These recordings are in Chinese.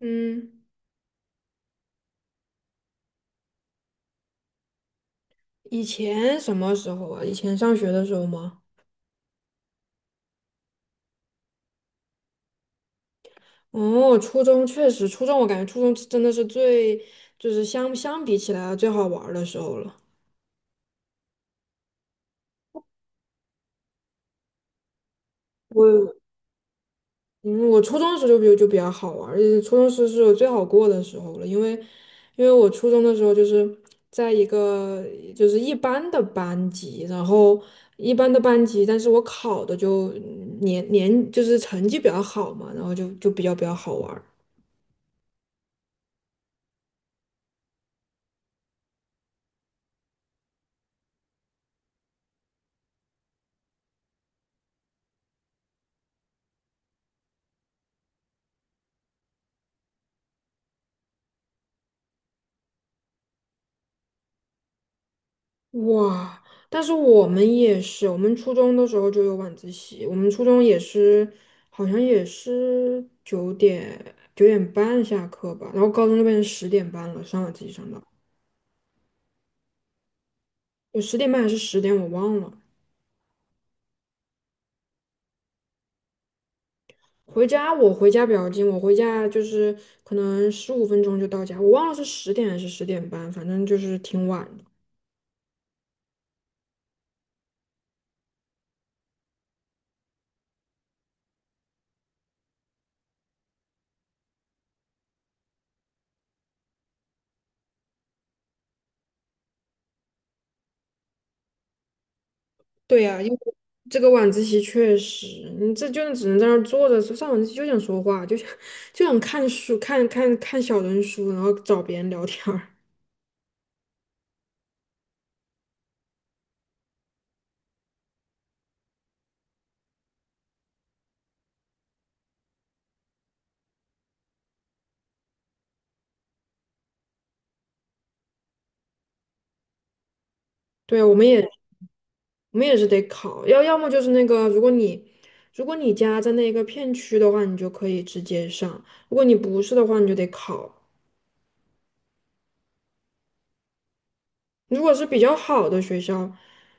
嗯，以前什么时候啊？以前上学的时候吗？哦，初中确实，初中我感觉初中真的是最，就是相比起来最好玩儿的时候了。我，嗯，我初中的时候就比较好玩儿，而且初中时是我最好过的时候了，因为我初中的时候就是在一个就是一般的班级，然后一般的班级，但是我考的就年年就是成绩比较好嘛，然后就比较好玩儿。哇！但是我们也是，我们初中的时候就有晚自习，我们初中也是，好像也是9点9点半下课吧。然后高中就变成十点半了，上晚自习上到，有十点半还是十点我忘了。回家，我回家比较近，我回家就是可能15分钟就到家。我忘了是十点还是十点半，反正就是挺晚。对呀，因为这个晚自习确实，你这就只能在那儿坐着，上晚自习就想说话，就想看书，看小人书，然后找别人聊天儿。对啊，我们也是得考，要么就是那个，如果你家在那个片区的话，你就可以直接上；如果你不是的话，你就得考。如果是比较好的学校，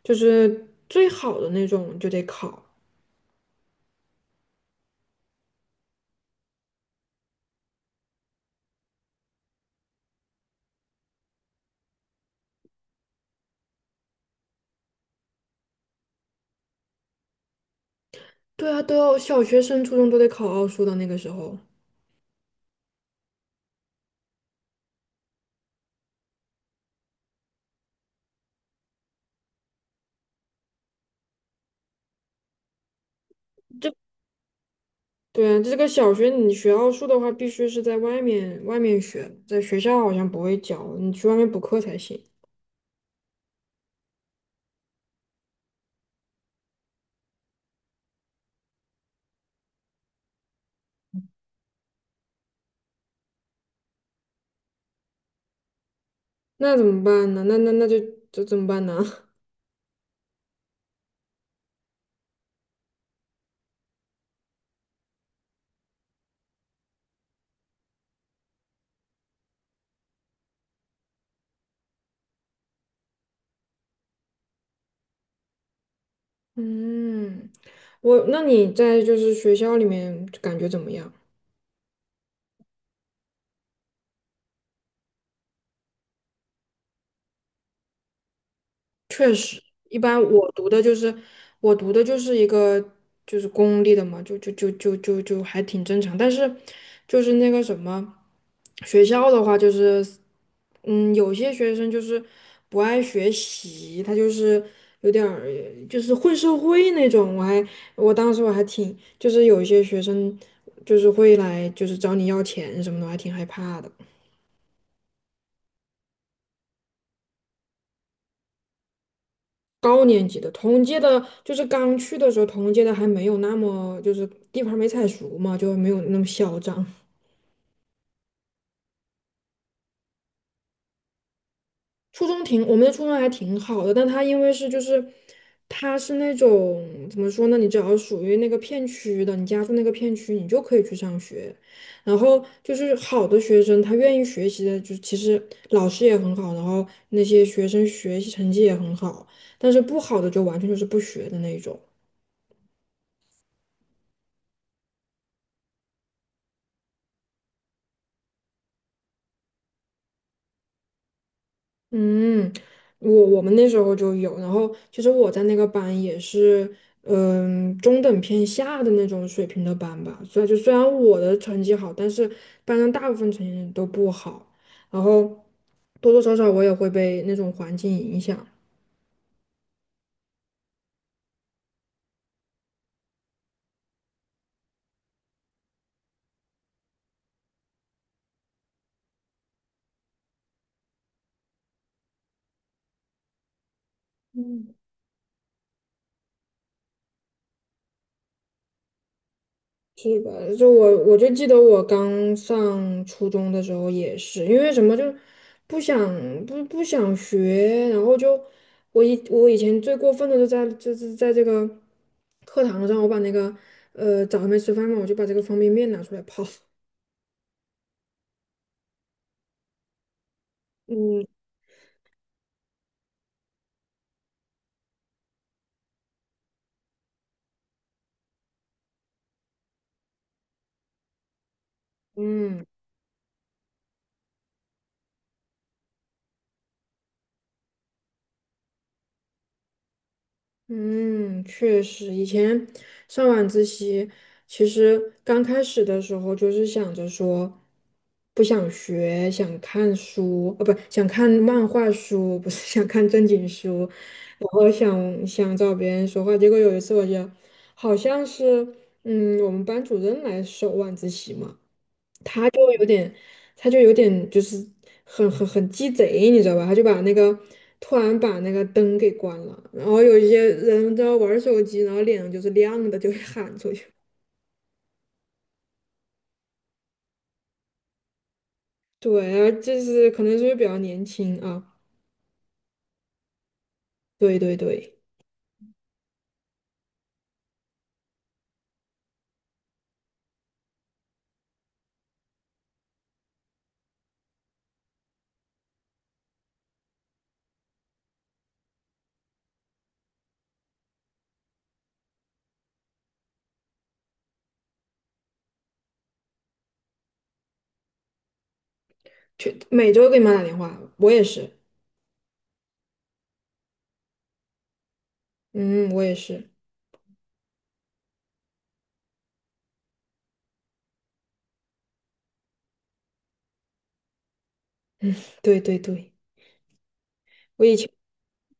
就是最好的那种，你就得考。对啊，都要小学生、初中都得考奥数的那个时候。对啊，这个小学你学奥数的话，必须是在外面学，在学校好像不会教，你去外面补课才行。那怎么办呢？那那那就这怎么办呢？嗯，我，那你在就是学校里面感觉怎么样？一般我读的就是一个就是公立的嘛，就还挺正常。但是就是那个什么学校的话，就是有些学生就是不爱学习，他就是有点儿就是混社会那种。我当时还挺就是有一些学生就是会来就是找你要钱什么的，我还挺害怕的。高年级的同届的，就是刚去的时候，同届的还没有那么就是地盘儿没踩熟嘛，就没有那么嚣张。初中挺，我们的初中还挺好的，但他因为是就是他是那种怎么说呢？你只要属于那个片区的，你家住那个片区，你就可以去上学。然后就是好的学生，他愿意学习的，就其实老师也很好，然后那些学生学习成绩也很好，但是不好的就完全就是不学的那种。嗯，我们那时候就有，然后其实我在那个班也是，中等偏下的那种水平的班吧。所以就虽然我的成绩好，但是班上大部分成绩都不好，然后多多少少我也会被那种环境影响。是吧？就我就记得我刚上初中的时候也是，因为什么就是不想，不学，然后就我以前最过分的就是在这个课堂上，我把那个早上没吃饭嘛，我就把这个方便面拿出来泡。嗯嗯。嗯，确实，以前上晚自习，其实刚开始的时候就是想着说，不想学，想看书，哦，不，想看漫画书，不是想看正经书，然后想找别人说话。结果有一次，我就好像是，我们班主任来收晚自习嘛。他就有点，他就有点就是很鸡贼，你知道吧？他就把那个突然把那个灯给关了，然后有一些人在玩手机，然后脸上就是亮的，就会喊出去。对，然后就是可能是因为比较年轻啊。对对对，去每周给你妈打电话，我也是。嗯，我也是。对对对。我以前，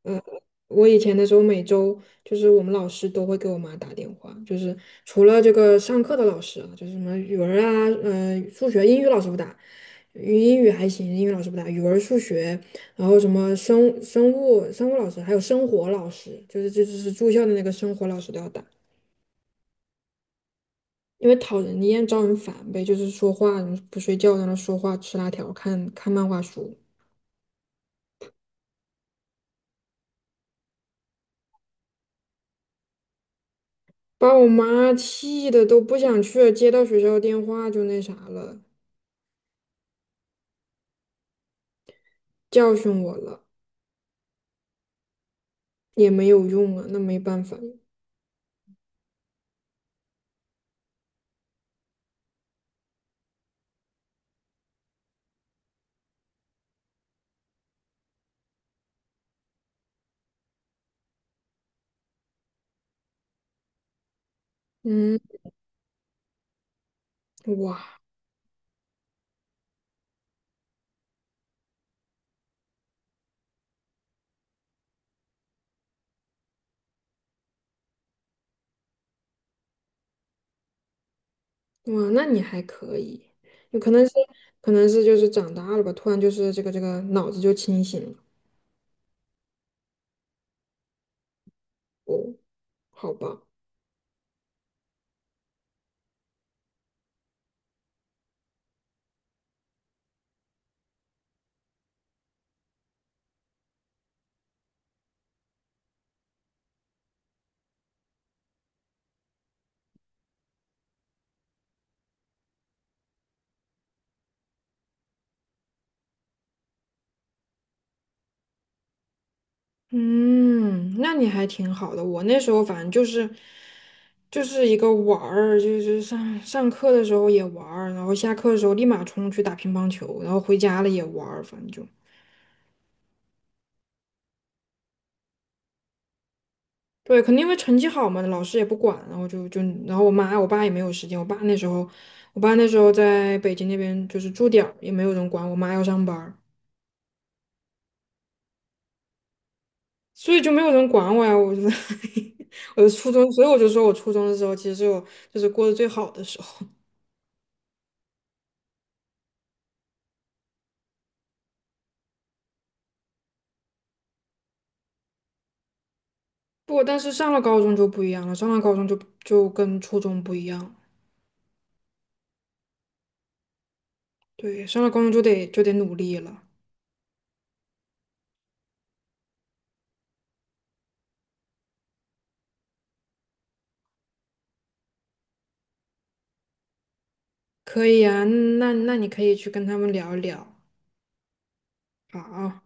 呃，我以前的时候，每周就是我们老师都会给我妈打电话，就是除了这个上课的老师啊，就是什么语文啊，数学、英语老师不打，英语还行，英语老师不打，语文、数学，然后什么生物老师，还有生活老师，就是这就是住校的那个生活老师都要打。因为讨人厌、招人烦呗，就是说话不睡觉，在那说话吃辣条、看看漫画书。把我妈气的都不想去了，接到学校电话就那啥了。教训我了，也没有用啊，那没办法。嗯，哇哇，那你还可以，有可能是就是长大了吧，突然就是这个脑子就清醒了。哦，好吧，嗯，那你还挺好的。我那时候反正就是一个玩儿，就是上课的时候也玩儿，然后下课的时候立马冲去打乒乓球，然后回家了也玩儿，反正就。对，肯定因为成绩好嘛，老师也不管，然后就就，然后我妈我爸也没有时间，我爸那时候在北京那边就是住点儿，也没有人管，我妈要上班儿，所以就没有人管我呀，我就 我的初中，所以我就说我初中的时候其实是我就是过得最好的时候。不过但是上了高中就不一样了，上了高中就跟初中不一样，对，上了高中就得努力了，可以啊，那你可以去跟他们聊一聊，好啊。